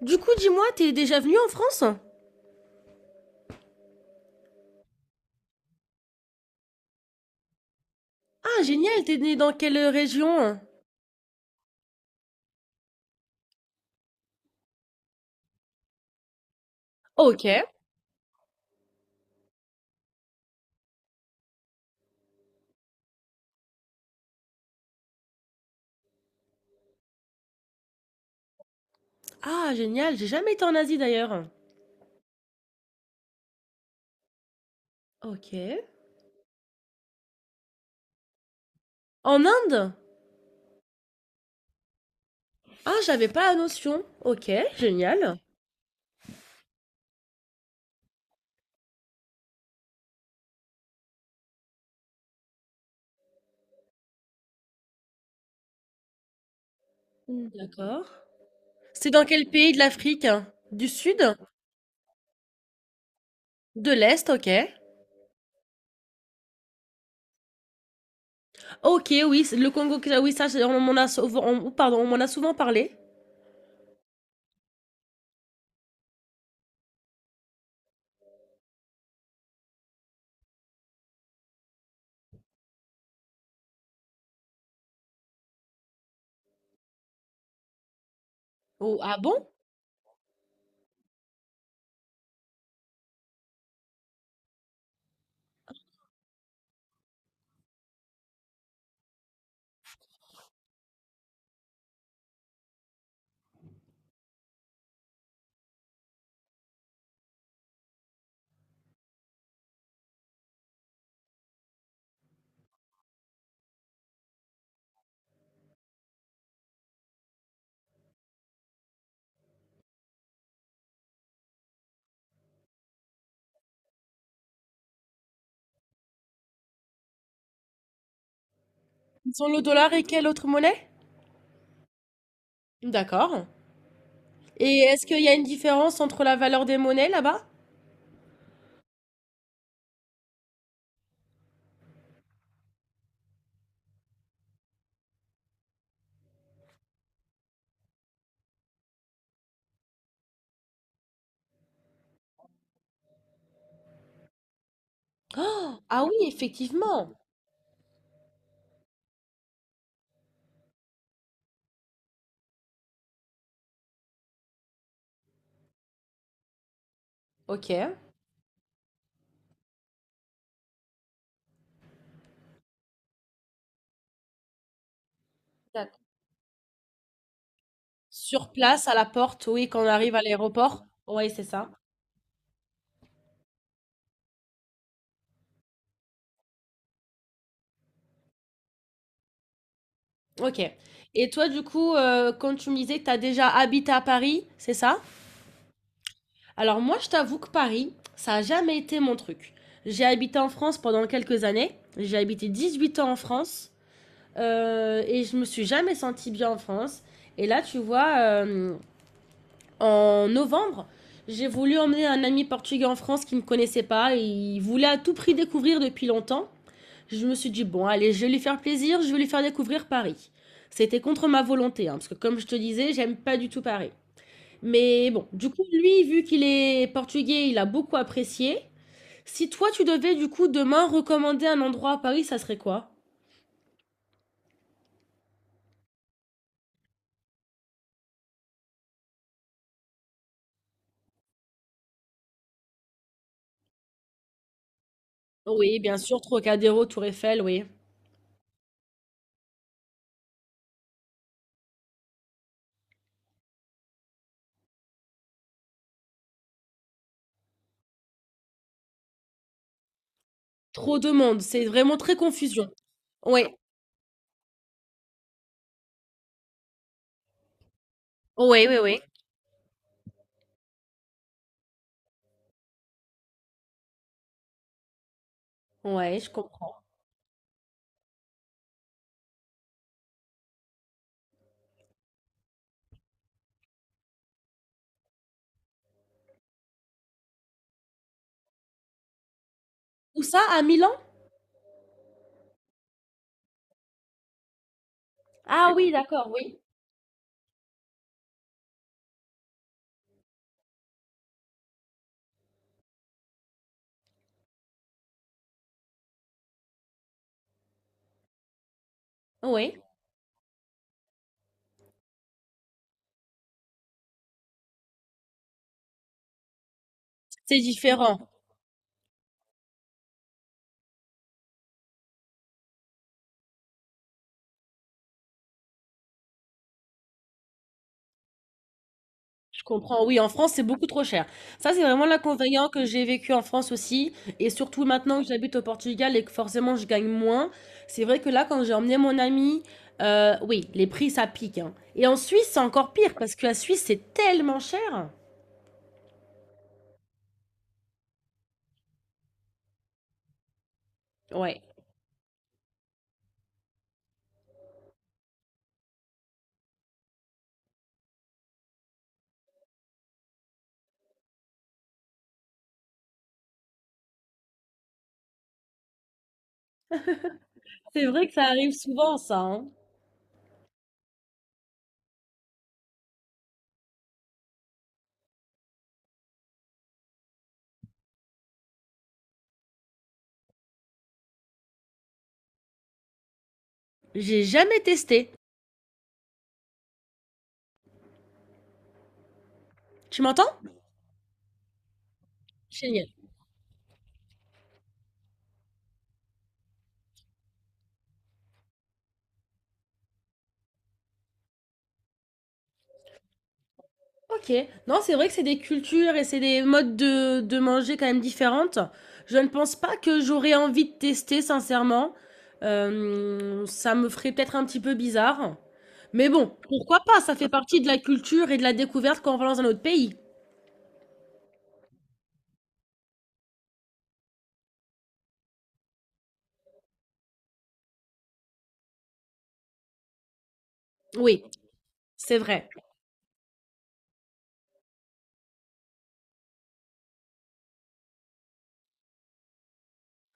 Du coup, dis-moi, t'es déjà venu en France? Ah, génial, t'es né dans quelle région? Ok. Ah, génial, j'ai jamais été en Asie d'ailleurs. Ok. En Inde? Ah, j'avais pas la notion. Ok, génial. D'accord. C'est dans quel pays de l'Afrique? Du sud? De l'Est, ok. Ok, oui, c'est le Congo, oui, oh, pardon, on m'en a souvent parlé. Oh, ah bon? Ils ont le dollar et quelle autre monnaie? D'accord. Et est-ce qu'il y a une différence entre la valeur des monnaies là-bas? Oh! Ah oui, effectivement. Ok. D'accord. Sur place, à la porte, oui, quand on arrive à l'aéroport. Oui, c'est ça. Ok. Et toi, du coup, quand tu me disais que tu as déjà habité à Paris, c'est ça? Alors moi, je t'avoue que Paris, ça n'a jamais été mon truc. J'ai habité en France pendant quelques années. J'ai habité 18 ans en France. Et je me suis jamais sentie bien en France. Et là, tu vois, en novembre, j'ai voulu emmener un ami portugais en France qui ne me connaissait pas et il voulait à tout prix découvrir depuis longtemps. Je me suis dit, bon, allez, je vais lui faire plaisir, je vais lui faire découvrir Paris. C'était contre ma volonté, hein, parce que comme je te disais, j'aime pas du tout Paris. Mais bon, du coup, lui, vu qu'il est portugais, il a beaucoup apprécié. Si toi, tu devais, du coup, demain recommander un endroit à Paris, ça serait quoi? Oui, bien sûr, Trocadéro, Tour Eiffel, oui. Trop de monde, c'est vraiment très confusion. Oui, Oui, oui, oui. Ouais, je comprends. Où ça? À Milan? Ah Oui. Oui, d'accord, oui. Oui, c'est différent. Je comprends. Oui, en France, c'est beaucoup trop cher. Ça, c'est vraiment l'inconvénient que j'ai vécu en France aussi. Et surtout maintenant que j'habite au Portugal et que forcément je gagne moins. C'est vrai que là, quand j'ai emmené mon ami, oui, les prix, ça pique, hein. Et en Suisse, c'est encore pire parce que la Suisse, c'est tellement cher. Ouais. C'est vrai que ça arrive souvent, ça, hein. J'ai jamais testé. Tu m'entends? Génial. OK. Non, c'est vrai que c'est des cultures et c'est des modes de manger quand même différentes. Je ne pense pas que j'aurais envie de tester sincèrement. Ça me ferait peut-être un petit peu bizarre. Mais bon, pourquoi pas? Ça fait partie de la culture et de la découverte quand on va dans un autre pays. Oui, c'est vrai.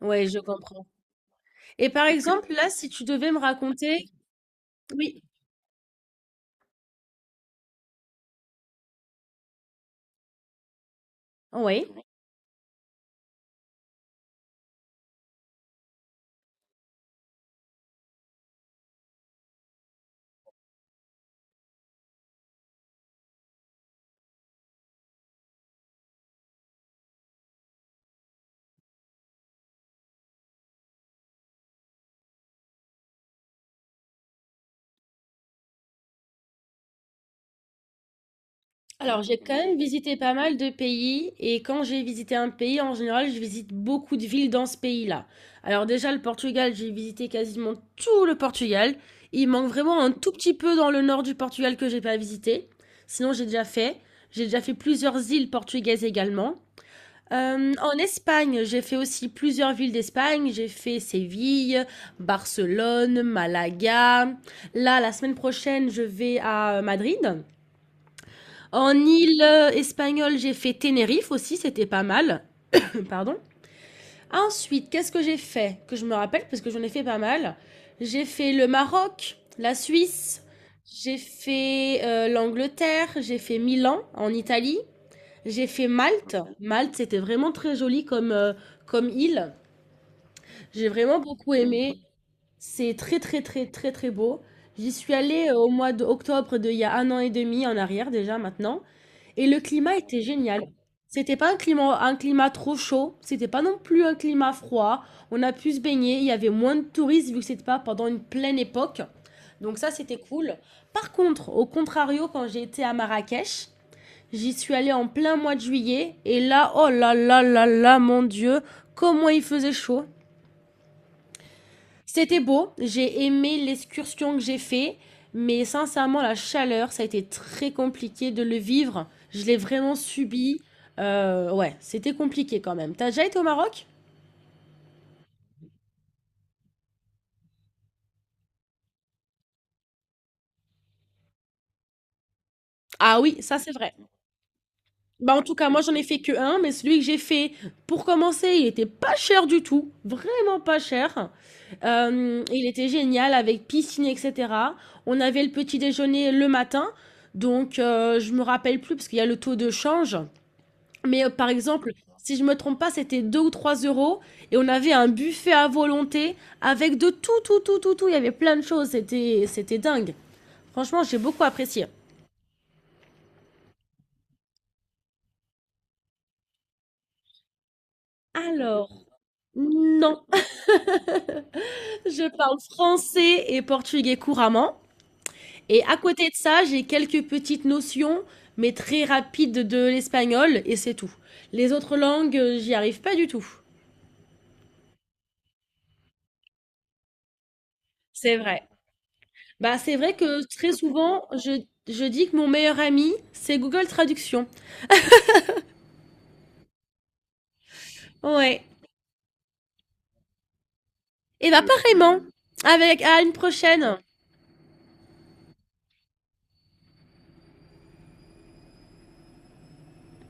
Ouais, je comprends. Et par exemple, là, si tu devais me raconter. Oui, oui? Alors, j'ai quand même visité pas mal de pays et quand j'ai visité un pays, en général, je visite beaucoup de villes dans ce pays-là. Alors déjà, le Portugal, j'ai visité quasiment tout le Portugal. Il manque vraiment un tout petit peu dans le nord du Portugal que j'ai pas visité. Sinon, j'ai déjà fait. J'ai déjà fait plusieurs îles portugaises également. En Espagne, j'ai fait aussi plusieurs villes d'Espagne. J'ai fait Séville, Barcelone, Malaga. Là, la semaine prochaine, je vais à Madrid. En île espagnole, j'ai fait Tenerife aussi, c'était pas mal. Pardon. Ensuite, qu'est-ce que j'ai fait? Que je me rappelle, parce que j'en ai fait pas mal. J'ai fait le Maroc, la Suisse, j'ai fait l'Angleterre, j'ai fait Milan en Italie, j'ai fait Malte. Malte, c'était vraiment très joli comme île. J'ai vraiment beaucoup aimé. C'est très, très, très, très, très beau. J'y suis allée au mois d'octobre d'il y a un an et demi en arrière déjà maintenant. Et le climat était génial. C'était pas un climat trop chaud, c'était pas non plus un climat froid. On a pu se baigner, il y avait moins de touristes vu que c'était pas pendant une pleine époque. Donc ça, c'était cool. Par contre, au contrario, quand j'ai été à Marrakech, j'y suis allée en plein mois de juillet et là, oh là là là là, mon Dieu, comment il faisait chaud. C'était beau, j'ai aimé l'excursion que j'ai fait, mais sincèrement, la chaleur, ça a été très compliqué de le vivre. Je l'ai vraiment subi. Ouais, c'était compliqué quand même. T'as déjà été au Maroc? Ah oui, ça c'est vrai. Bah en tout cas, moi j'en ai fait que un, mais celui que j'ai fait pour commencer, il était pas cher du tout, vraiment pas cher. Il était génial avec piscine, etc. On avait le petit déjeuner le matin, donc je me rappelle plus parce qu'il y a le taux de change. Mais, par exemple, si je me trompe pas, c'était 2 ou 3 euros et on avait un buffet à volonté avec de tout, tout, tout, tout, tout. Il y avait plein de choses, c'était dingue. Franchement, j'ai beaucoup apprécié. Alors, non, je parle français et portugais couramment et à côté de ça, j'ai quelques petites notions, mais très rapides de l'espagnol et c'est tout. Les autres langues, j'y arrive pas du tout. C'est vrai. Bah, c'est vrai que très souvent, je dis que mon meilleur ami, c'est Google Traduction. Ouais. Et bah, pareillement. Avec, à une prochaine.